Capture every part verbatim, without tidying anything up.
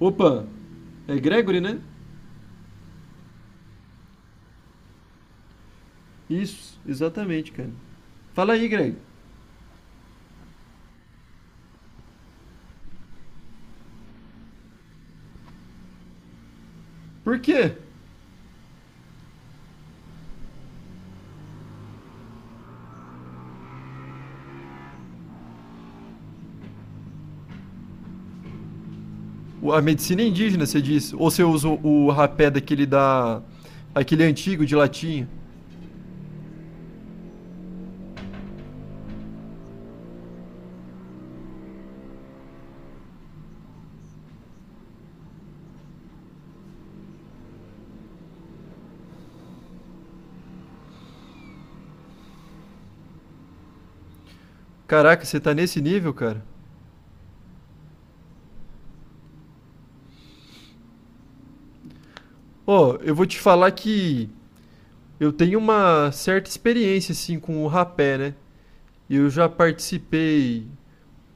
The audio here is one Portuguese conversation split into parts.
Opa, é Gregory, né? Isso, exatamente, cara. Fala aí, Gregory. Por quê? A medicina é indígena, você disse? Ou você usa o o rapé daquele da. Aquele antigo de latinha? Caraca, você tá nesse nível, cara? Ó, eu vou te falar que eu tenho uma certa experiência, assim, com o rapé, né? Eu já participei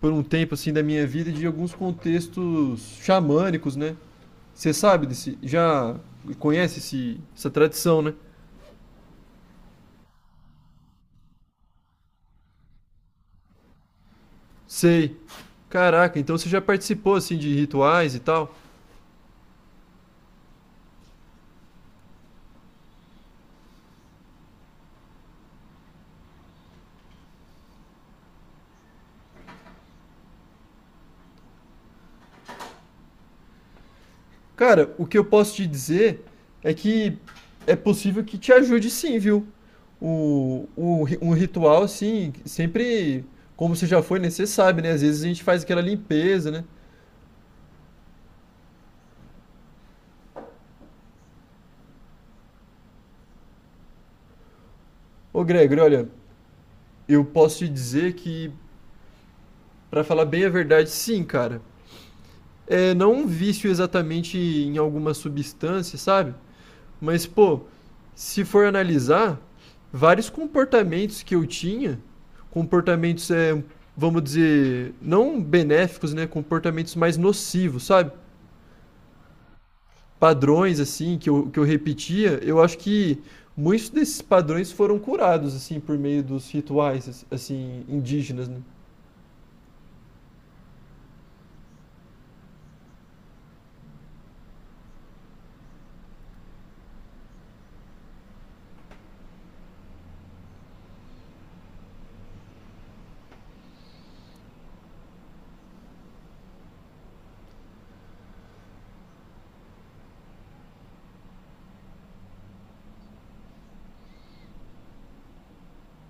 por um tempo, assim, da minha vida de alguns contextos xamânicos, né? Você sabe desse. Já conhece esse, essa tradição, né? Sei. Caraca, então você já participou assim de rituais e tal? Cara, o que eu posso te dizer é que é possível que te ajude sim, viu? O, o, ri- um ritual, assim, sempre, como você já foi, né? Você sabe, né? Às vezes a gente faz aquela limpeza, né? Ô, Gregory, olha, eu posso te dizer que, pra falar bem a verdade, sim, cara. É não um vício exatamente em alguma substância, sabe? Mas, pô, se for analisar, vários comportamentos que eu tinha, comportamentos, é, vamos dizer, não benéficos, né? Comportamentos mais nocivos, sabe? Padrões, assim, que eu, que eu repetia, eu acho que muitos desses padrões foram curados, assim, por meio dos rituais, assim, indígenas, né?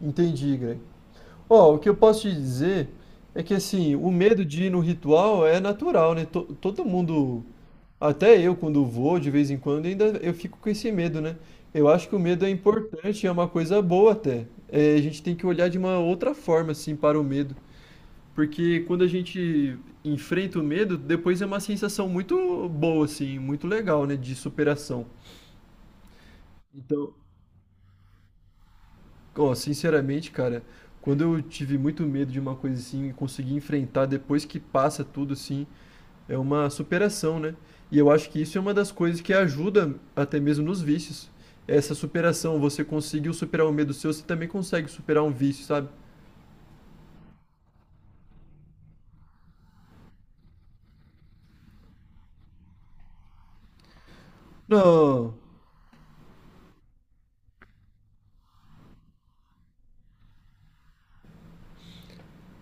Entendi, Greg. Ó, o que eu posso te dizer é que assim, o medo de ir no ritual é natural, né? To- Todo mundo, até eu quando vou de vez em quando, ainda eu fico com esse medo, né? Eu acho que o medo é importante, é uma coisa boa até. É, a gente tem que olhar de uma outra forma assim para o medo, porque quando a gente enfrenta o medo, depois é uma sensação muito boa assim, muito legal, né, de superação. Então, ó, sinceramente, cara, quando eu tive muito medo de uma coisa assim e consegui enfrentar depois que passa tudo assim, é uma superação, né? E eu acho que isso é uma das coisas que ajuda até mesmo nos vícios. Essa superação, você conseguiu superar um medo seu, você também consegue superar um vício, sabe? Não.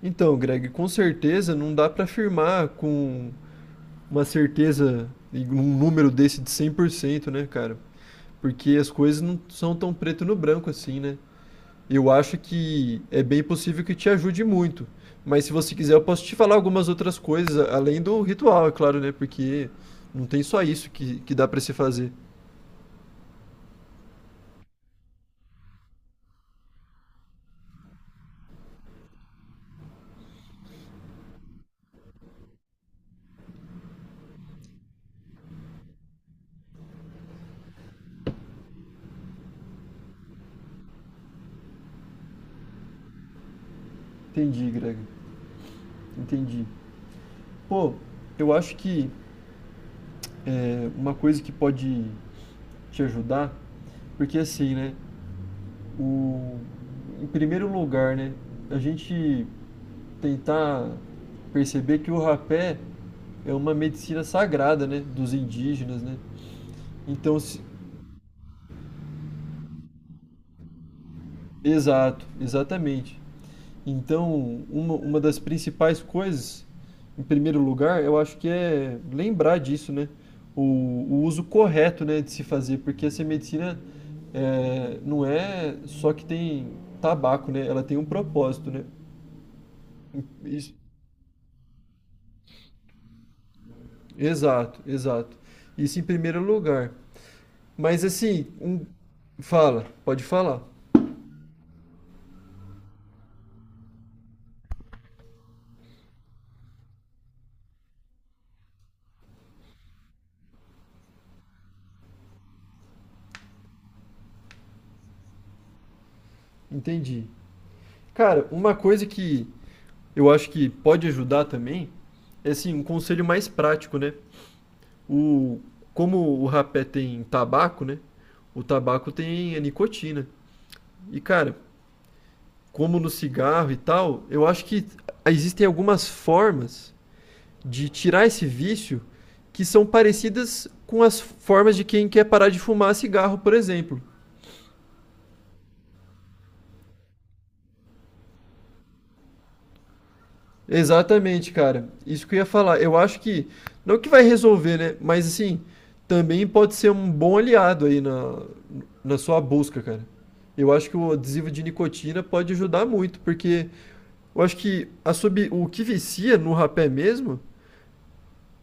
Então, Greg, com certeza não dá pra afirmar com uma certeza e um número desse de cem por cento, né, cara? Porque as coisas não são tão preto no branco assim, né? Eu acho que é bem possível que te ajude muito. Mas se você quiser, eu posso te falar algumas outras coisas, a- além do ritual, é claro, né? Porque não tem só isso que, que dá pra se fazer. Entendi, Greg. Entendi. Pô, eu acho que é, uma coisa que pode te ajudar, porque assim, né? O, em primeiro lugar, né? A gente tentar perceber que o rapé é uma medicina sagrada, né? Dos indígenas, né? Então, se, exato, exatamente. Então, uma, uma das principais coisas, em primeiro lugar, eu acho que é lembrar disso, né? O, o uso correto, né, de se fazer, porque essa medicina é, não é só que tem tabaco, né? Ela tem um propósito, né? Isso- exato, exato. Isso em primeiro lugar. Mas assim, um- fala, pode falar. Entendi. Cara, uma coisa que eu acho que pode ajudar também, é assim, um conselho mais prático, né? O, como o rapé tem tabaco, né? O tabaco tem a nicotina. E, cara, como no cigarro e tal, eu acho que existem algumas formas de tirar esse vício que são parecidas com as formas de quem quer parar de fumar cigarro, por exemplo. Exatamente, cara. Isso que eu ia falar. Eu acho que, não que vai resolver, né? Mas assim, também pode ser um bom aliado aí na, na sua busca, cara. Eu acho que o adesivo de nicotina pode ajudar muito, porque eu acho que a sub, o que vicia no rapé mesmo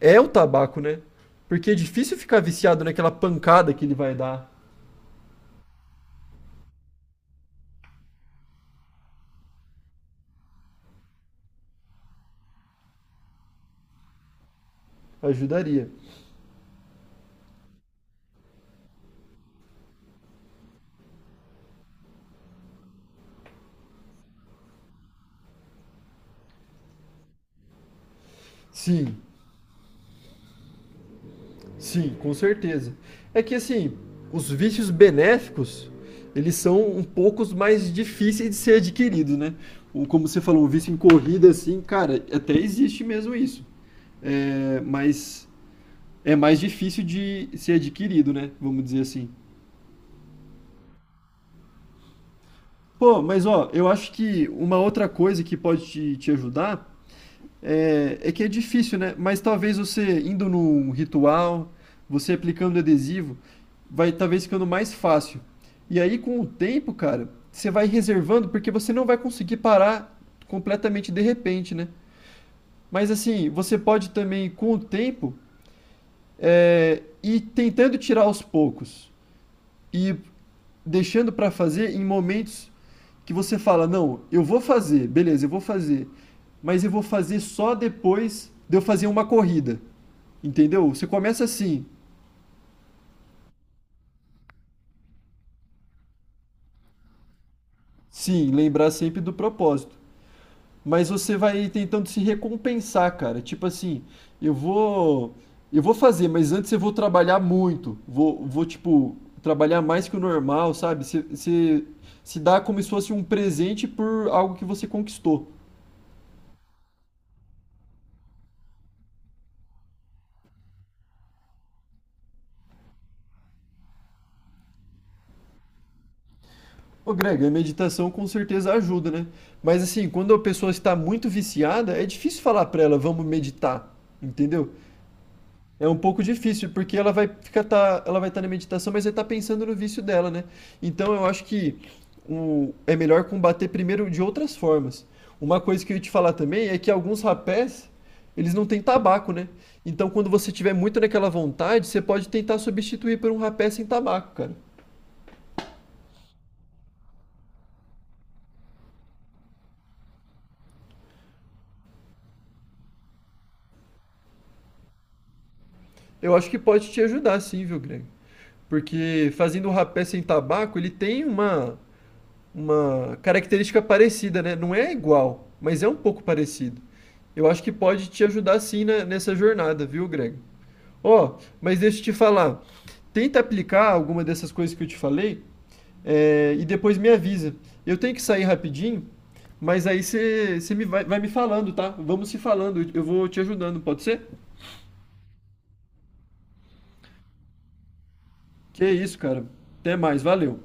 é o tabaco, né? Porque é difícil ficar viciado naquela pancada que ele vai dar. Ajudaria. Sim. Sim, com certeza. É que assim, os vícios benéficos, eles são um pouco mais difíceis de ser adquiridos, né? O- Como você falou, o vício em corrida, assim, cara, até existe mesmo isso. É, mas é mais difícil de ser adquirido, né? Vamos dizer assim. Pô, mas ó, eu acho que uma outra coisa que pode te, te ajudar. É, é que é difícil, né? Mas talvez você indo num ritual, você aplicando adesivo, vai talvez ficando mais fácil. E aí com o tempo, cara, você vai reservando porque você não vai conseguir parar completamente de repente, né? Mas assim, você pode também com o tempo é, ir tentando tirar aos poucos e deixando para fazer em momentos que você fala, não, eu vou fazer, beleza, eu vou fazer, mas eu vou fazer só depois de eu fazer uma corrida. Entendeu? Você começa assim, sim, lembrar sempre do propósito, mas você vai tentando se recompensar, cara. Tipo assim, eu vou eu vou fazer, mas antes eu vou trabalhar muito. Vou, vou tipo, trabalhar mais que o normal, sabe? Você, você se dá como se fosse um presente por algo que você conquistou. Ô Greg, a meditação com certeza ajuda, né? Mas assim, quando a pessoa está muito viciada, é difícil falar para ela, vamos meditar, entendeu? É um pouco difícil, porque ela vai ficar tá, ela vai estar na meditação, mas vai estar pensando no vício dela, né? Então eu acho que o, é melhor combater primeiro de outras formas. Uma coisa que eu ia te falar também é que alguns rapés, eles não têm tabaco, né? Então quando você tiver muito naquela vontade, você pode tentar substituir por um rapé sem tabaco, cara. Eu acho que pode te ajudar sim, viu, Greg? Porque fazendo o rapé sem tabaco, ele tem uma, uma característica parecida, né? Não é igual, mas é um pouco parecido. Eu acho que pode te ajudar sim na- nessa jornada, viu, Greg? Ó, mas deixa eu te falar. Tenta aplicar alguma dessas coisas que eu te falei, é, e depois me avisa. Eu tenho que sair rapidinho, mas aí você você me vai, vai me falando, tá? Vamos se falando, eu vou te ajudando, pode ser? Que isso, cara. Até mais, valeu.